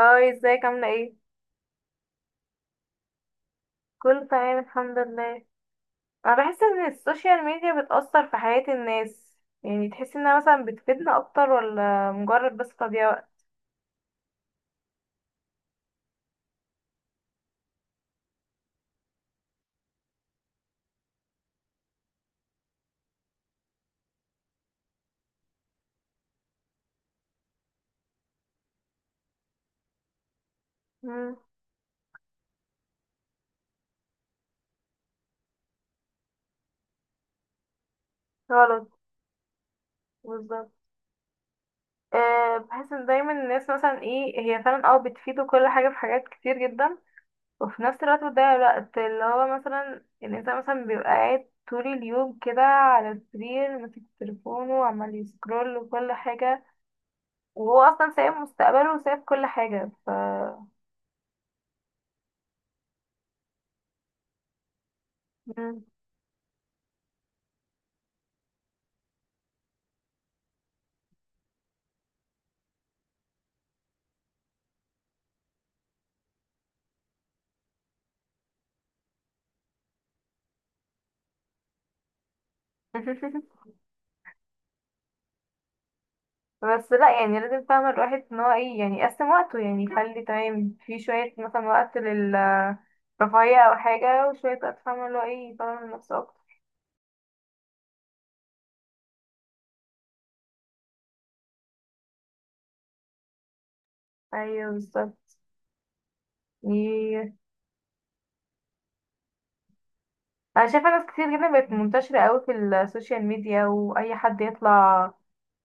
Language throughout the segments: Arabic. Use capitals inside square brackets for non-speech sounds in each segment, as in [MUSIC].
هاي، ازيك عاملة ايه؟ كله تمام الحمد لله. انا بحس ان السوشيال ميديا بتأثر في حياة الناس، يعني تحس انها مثلا بتفيدنا اكتر ولا مجرد بس تضييع وقت. مم، غلط. بالظبط. أه، بحس ان دايما الناس مثلا ايه هي فعلا بتفيد كل حاجة في حاجات كتير جدا، وفي نفس الوقت بتضيع الوقت اللي هو مثلا الانسان مثلا بيبقى قاعد طول اليوم كده على السرير ماسك تليفونه وعمال يسكرول وكل حاجة، وهو اصلا سايب مستقبله وسايب كل حاجة. ف مم. [LAUGHS] بس لا، يعني لازم فاهمة الواحد ان هو ايه، يعني يقسم وقته، يعني يخلي تمام في شوية مثلا وقت للرفاهية او حاجة وشوية وقت فاهمة اللي هو ايه يطور من نفسه اكتر. ايوه بالظبط. ي- انا شايفة ناس كتير جدا بقت منتشرة اوي في السوشيال ميديا، واي حد يطلع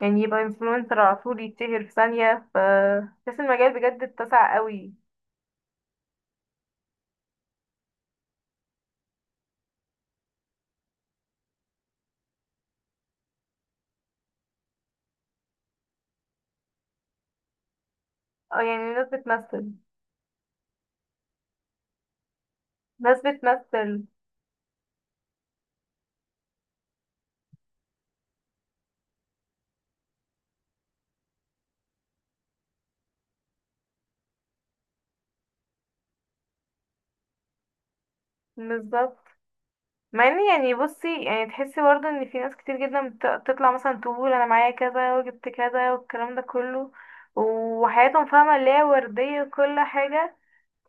يعني يبقى انفلونسر على طول، يتشهر في ثانية. بس المجال بجد اتسع اوي. اه، يعني ناس بتمثل، ناس بتمثل. بالظبط. مع ان يعني بصي، يعني تحسي برضه ان في ناس كتير جدا بتطلع مثلا تقول انا معايا كذا وجبت كذا والكلام ده كله، وحياتهم فاهمة اللي هي وردية وكل حاجة.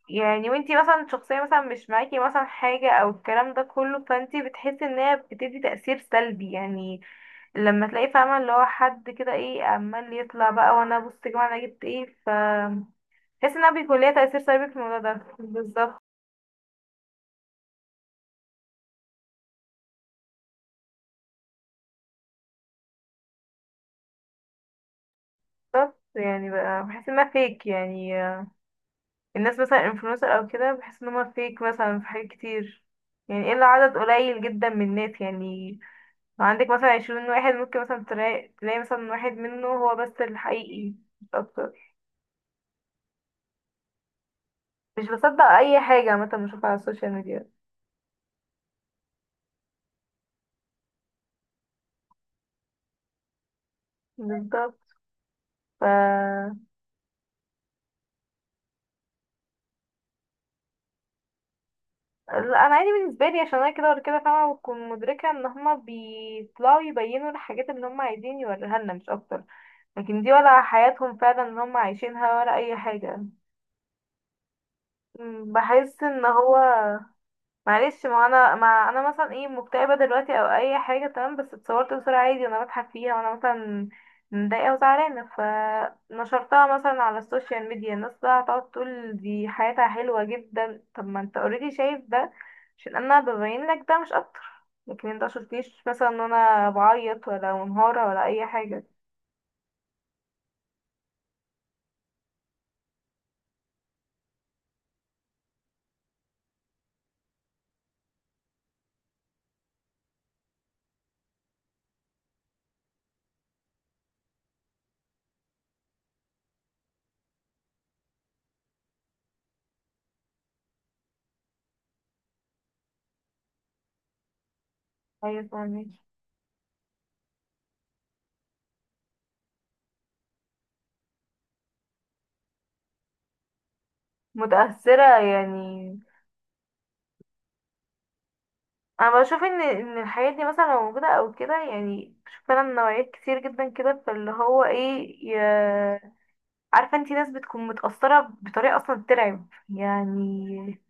يعني وانتي مثلا شخصية مثلا مش معاكي مثلا حاجة او الكلام ده كله، فانتي بتحسي ان هي بتدي تأثير سلبي يعني. لما تلاقي فاهمة اللي هو حد كده ايه عمال يطلع بقى، وانا بص يا جماعة انا جبت ايه. بحس انها بيكون ليها تأثير سلبي في الموضوع ده بالظبط. بس يعني بقى بحس انها فيك، يعني الناس مثلا انفلونسر او كده بحس ان هما فيك مثلا في حاجات كتير، يعني الا عدد قليل جدا من الناس يعني. لو عندك مثلا 20 واحد، ممكن مثلا تلاقي مثلا واحد منه هو بس الحقيقي، مش اكتر. مش بصدق اي حاجة مثلا بشوفها على السوشيال ميديا. بالظبط. ف لا، انا عادي بالنسبة لي عشان انا كده ولا كده فاهمة، بكون مدركة ان هما بيطلعوا يبينوا الحاجات اللي هما عايزين يوريها لنا مش اكتر. لكن دي ولا حياتهم فعلا اللي هما عايشينها ولا اي حاجة. بحس ان هو. معلش، ما انا مثلا ايه مكتئبه دلوقتي او اي حاجه، تمام، بس اتصورت بصوره عادي وانا بضحك فيها وانا مثلا متضايقه وزعلانه، فنشرتها مثلا على السوشيال ميديا، الناس بقى هتقعد تقول دي حياتها حلوه جدا. طب ما انت اوريدي شايف ده، عشان انا ببين لك ده مش اكتر. لكن انت مشفتيش مثلا ان انا بعيط ولا منهاره ولا اي حاجه. ايوه فاهمك. متاثره يعني. انا بشوف ان الحاجات دي مثلا لو موجوده او كده، يعني بشوف فعلا نوعيات كتير جدا كده، فاللي هو ايه عارفه انتي، ناس بتكون متاثره بطريقه اصلا ترعب يعني.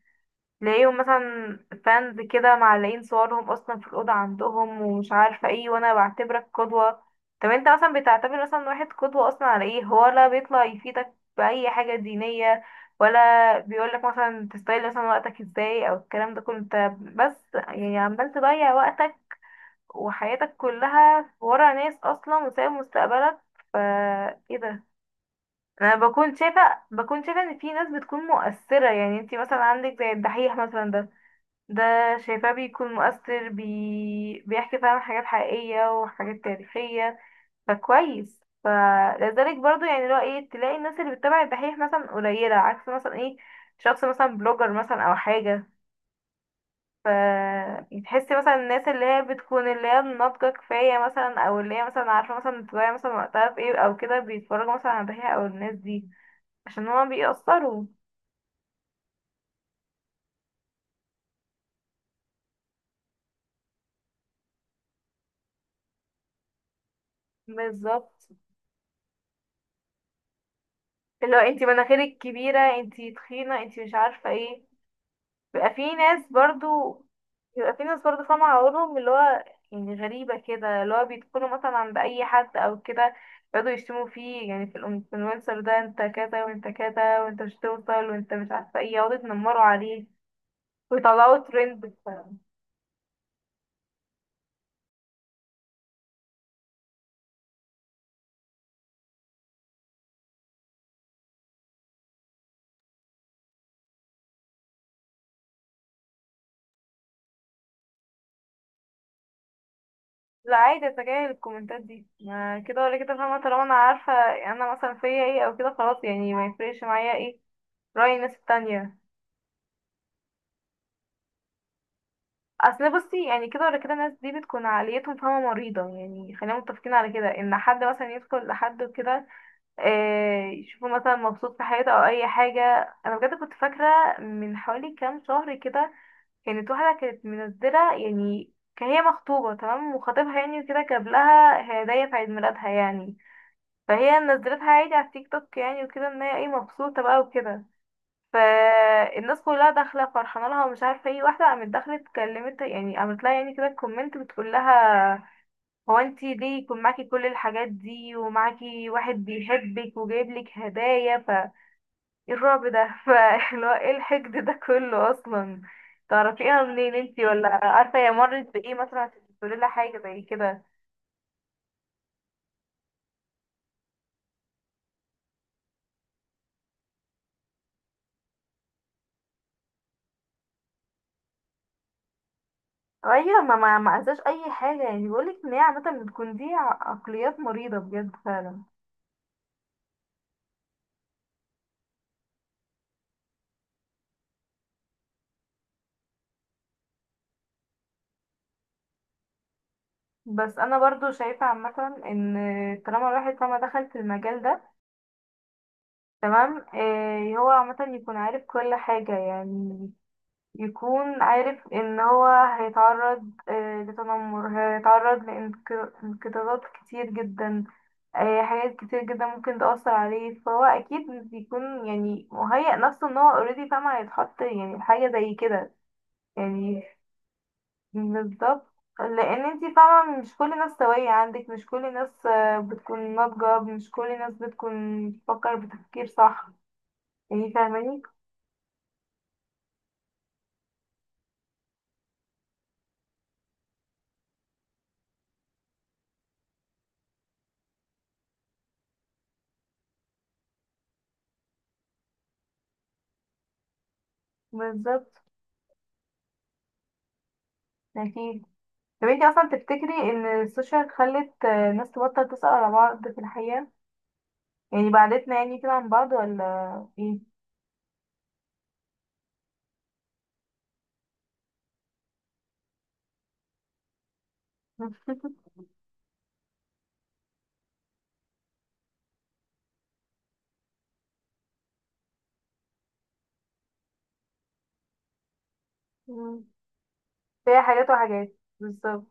تلاقيهم مثلا فانز كده معلقين صورهم اصلا في الاوضه عندهم ومش عارفه ايه، وانا بعتبرك قدوه. طب انت مثلا بتعتبر مثلا واحد قدوه اصلا على ايه؟ هو لا بيطلع يفيدك باي حاجه دينيه، ولا بيقولك مثلا تستغل مثلا وقتك ازاي او الكلام ده كله، انت بس يعني عمال تضيع وقتك، وحياتك كلها ورا ناس اصلا وسايب مستقبلك. فا ايه ده؟ انا بكون شايفه ان في ناس بتكون مؤثره، يعني انتي مثلا عندك زي الدحيح مثلا ده، ده شايفاه بيكون مؤثر، بيحكي فعلا حاجات حقيقية وحاجات تاريخية. فكويس، فلذلك برضو يعني اللي هو ايه تلاقي الناس اللي بتتابع الدحيح مثلا قليلة عكس مثلا ايه، شخص مثلا بلوجر مثلا او حاجة. ف تحسي مثلا الناس اللي هي بتكون اللي هي ناضجة كفاية مثلا، او اللي هي مثلا عارفة مثلا تضيع مثلا وقتها في ايه او كده، بيتفرجوا مثلا على الدحيح او الناس دي عشان هما بيأثروا. بالظبط. اللي هو انتي مناخيرك كبيرة، انتي تخينة، انتي مش عارفة ايه. بيبقى في ناس برضو بيبقى في ناس برضو فاهمة عقولهم اللي هو، يعني غريبة كده، اللي هو بيدخلوا مثلا عند أي حد أو كده، يقعدوا يشتموا فيه يعني في الانفلونسر ده: انت كذا وانت كذا وانت مش توصل وانت مش عارفة ايه، يقعدوا يتنمروا عليه، ويطلعوا ترند. لا عادي، اتجاهل الكومنتات دي، ما كده ولا كده فاهمة، طالما انا عارفة انا مثلا فيا ايه او كده، خلاص يعني، ما يفرقش معايا ايه رأي الناس التانية. اصل بصي يعني، كده ولا كده الناس دي بتكون عقليتهم فاهمة مريضة، يعني خلينا متفقين على كده، ان حد مثلا يدخل لحد كده، يشوفه مثلا مبسوط في حياته او اي حاجة. انا بجد كنت فاكرة من حوالي كام شهر كده، كانت واحدة كانت منزلة، يعني كان هي مخطوبة تمام، وخطيبها يعني كده جاب لها هدايا في عيد ميلادها يعني. فهي نزلتها عادي على التيك توك، يعني وكده ان هي ايه مبسوطة بقى وكده. فالناس كلها داخله فرحانه لها ومش عارفه ايه، واحده قامت داخله اتكلمت يعني، قامت لها يعني كده كومنت بتقول لها: هو انتي ليه يكون معاكي كل الحاجات دي ومعاكي واحد بيحبك وجايب لك هدايا؟ ايه الرعب ده؟ [LAUGHS] فاللي هو ايه الحقد ده كله اصلا؟ تعرفيها منين انتي، ولا عارفه هي مرت بايه مثلا عشان تقولي لها حاجه زي كده؟ ايوه، ما انساش اي حاجه، يعني بقولك ان هي عامه بتكون دي عقليات مريضه بجد فعلا. بس انا برضو شايفة عامة ان، طالما الواحد طالما دخل في المجال ده، تمام. إيه، هو عامة يكون عارف كل حاجة يعني، يكون عارف ان هو هيتعرض إيه لتنمر، هيتعرض لانقطاعات كتير جدا، إيه حاجات كتير جدا ممكن تأثر عليه، فهو اكيد بيكون يعني مهيأ نفسه ان هو اوريدي فاهم هيتحط يعني في حاجة زي كده. يعني. بالظبط. لان انتي فاهمة مش كل الناس سوية عندك مش كل الناس آه، بتكون ناضجة مش كل الناس بتكون بتفكر بتفكير صح يعني فاهماني بالظبط اكيد. طب انتي اصلا تفتكري ان السوشيال خلت ناس تبطل تسأل على بعض في الحقيقة؟ يعني بعدتنا يعني كده عن بعض، ولا؟ ايه. [LAUGHS] مم. فيها حاجات وحاجات بالظبط.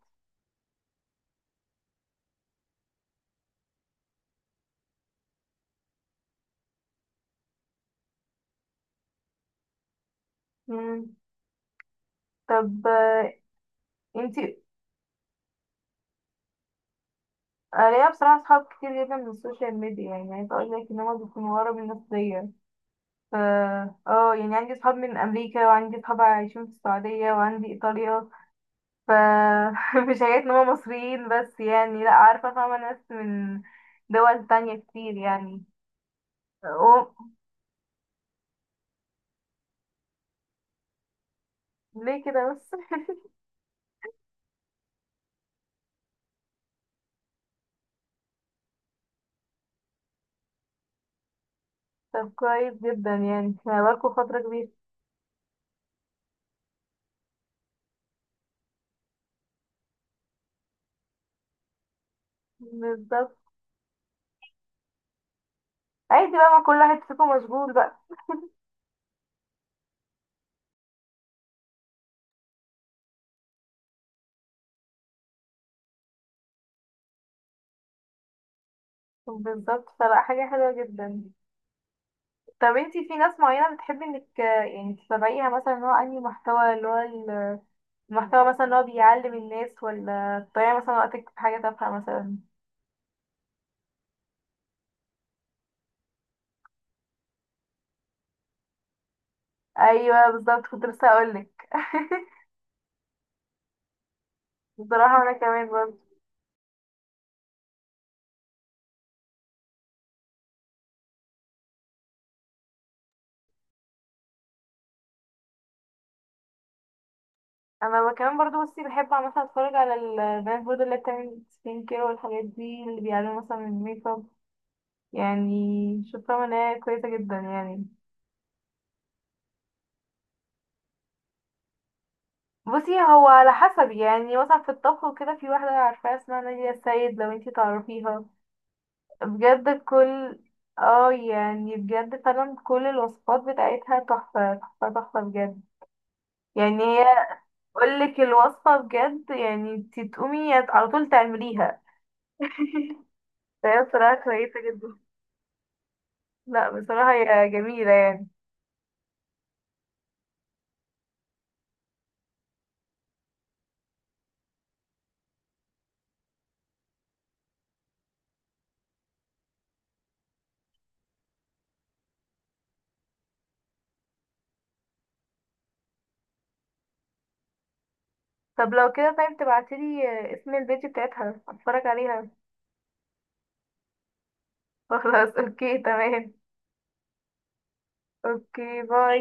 مم. طب، انتي. أنا ليا بصراحة صحاب كتير جدا من السوشيال ميديا، يعني عايزة اقول لك ان هما بيكونوا ورا من الناس دي. اه، يعني عندي صحاب من امريكا وعندي صحاب عايشين في السعوديه وعندي ايطاليا. ف [LAUGHS] مش حكايه ان هم مصريين بس، يعني لا عارفه فاهمه ناس من دول تانية كتير يعني. و... ليه كده بس؟ [LAUGHS] طب كويس جدا، يعني هقابلكوا فتره كبيره. بالظبط. عادي بقى، ما كل واحد فيكم مشغول بقى. بالظبط، فلا حاجه حلوه جدا. طب انتي في ناس معينة بتحبي انك يعني تتابعيها، مثلا ان هو انهي محتوى اللي هو المحتوى مثلا اللي هو بيعلم الناس، ولا بتضيعي مثلا وقتك في حاجة تافهة مثلا؟ ايوه بالظبط، كنت لسه اقولك. [LAUGHS] بصراحة انا كمان برضه. انا كمان برضه بصي، بحب مثلا اتفرج على البنات برضه اللي بتعمل سكين كير والحاجات دي، اللي بيعلموا مثلا الميك اب يعني. شايفة ان هي كويسة جدا يعني. بصي، هو على حسب، يعني مثلا في الطبخ وكده في واحدة عارفاها اسمها نادية السيد، لو انتي تعرفيها. بجد كل. اه، يعني بجد فعلا كل الوصفات بتاعتها تحفة تحفة تحفة بجد. يعني هي اقولك الوصفة بجد، يعني انتي تقومي على طول تعمليها. فهي بصراحة كويسة جدا. لا بصراحة هي جميلة يعني. طب لو كده، طيب تبعتيلي اسم البيت بتاعتها اتفرج عليها. [LAUGHS] خلاص اوكي تمام. اوكي باي.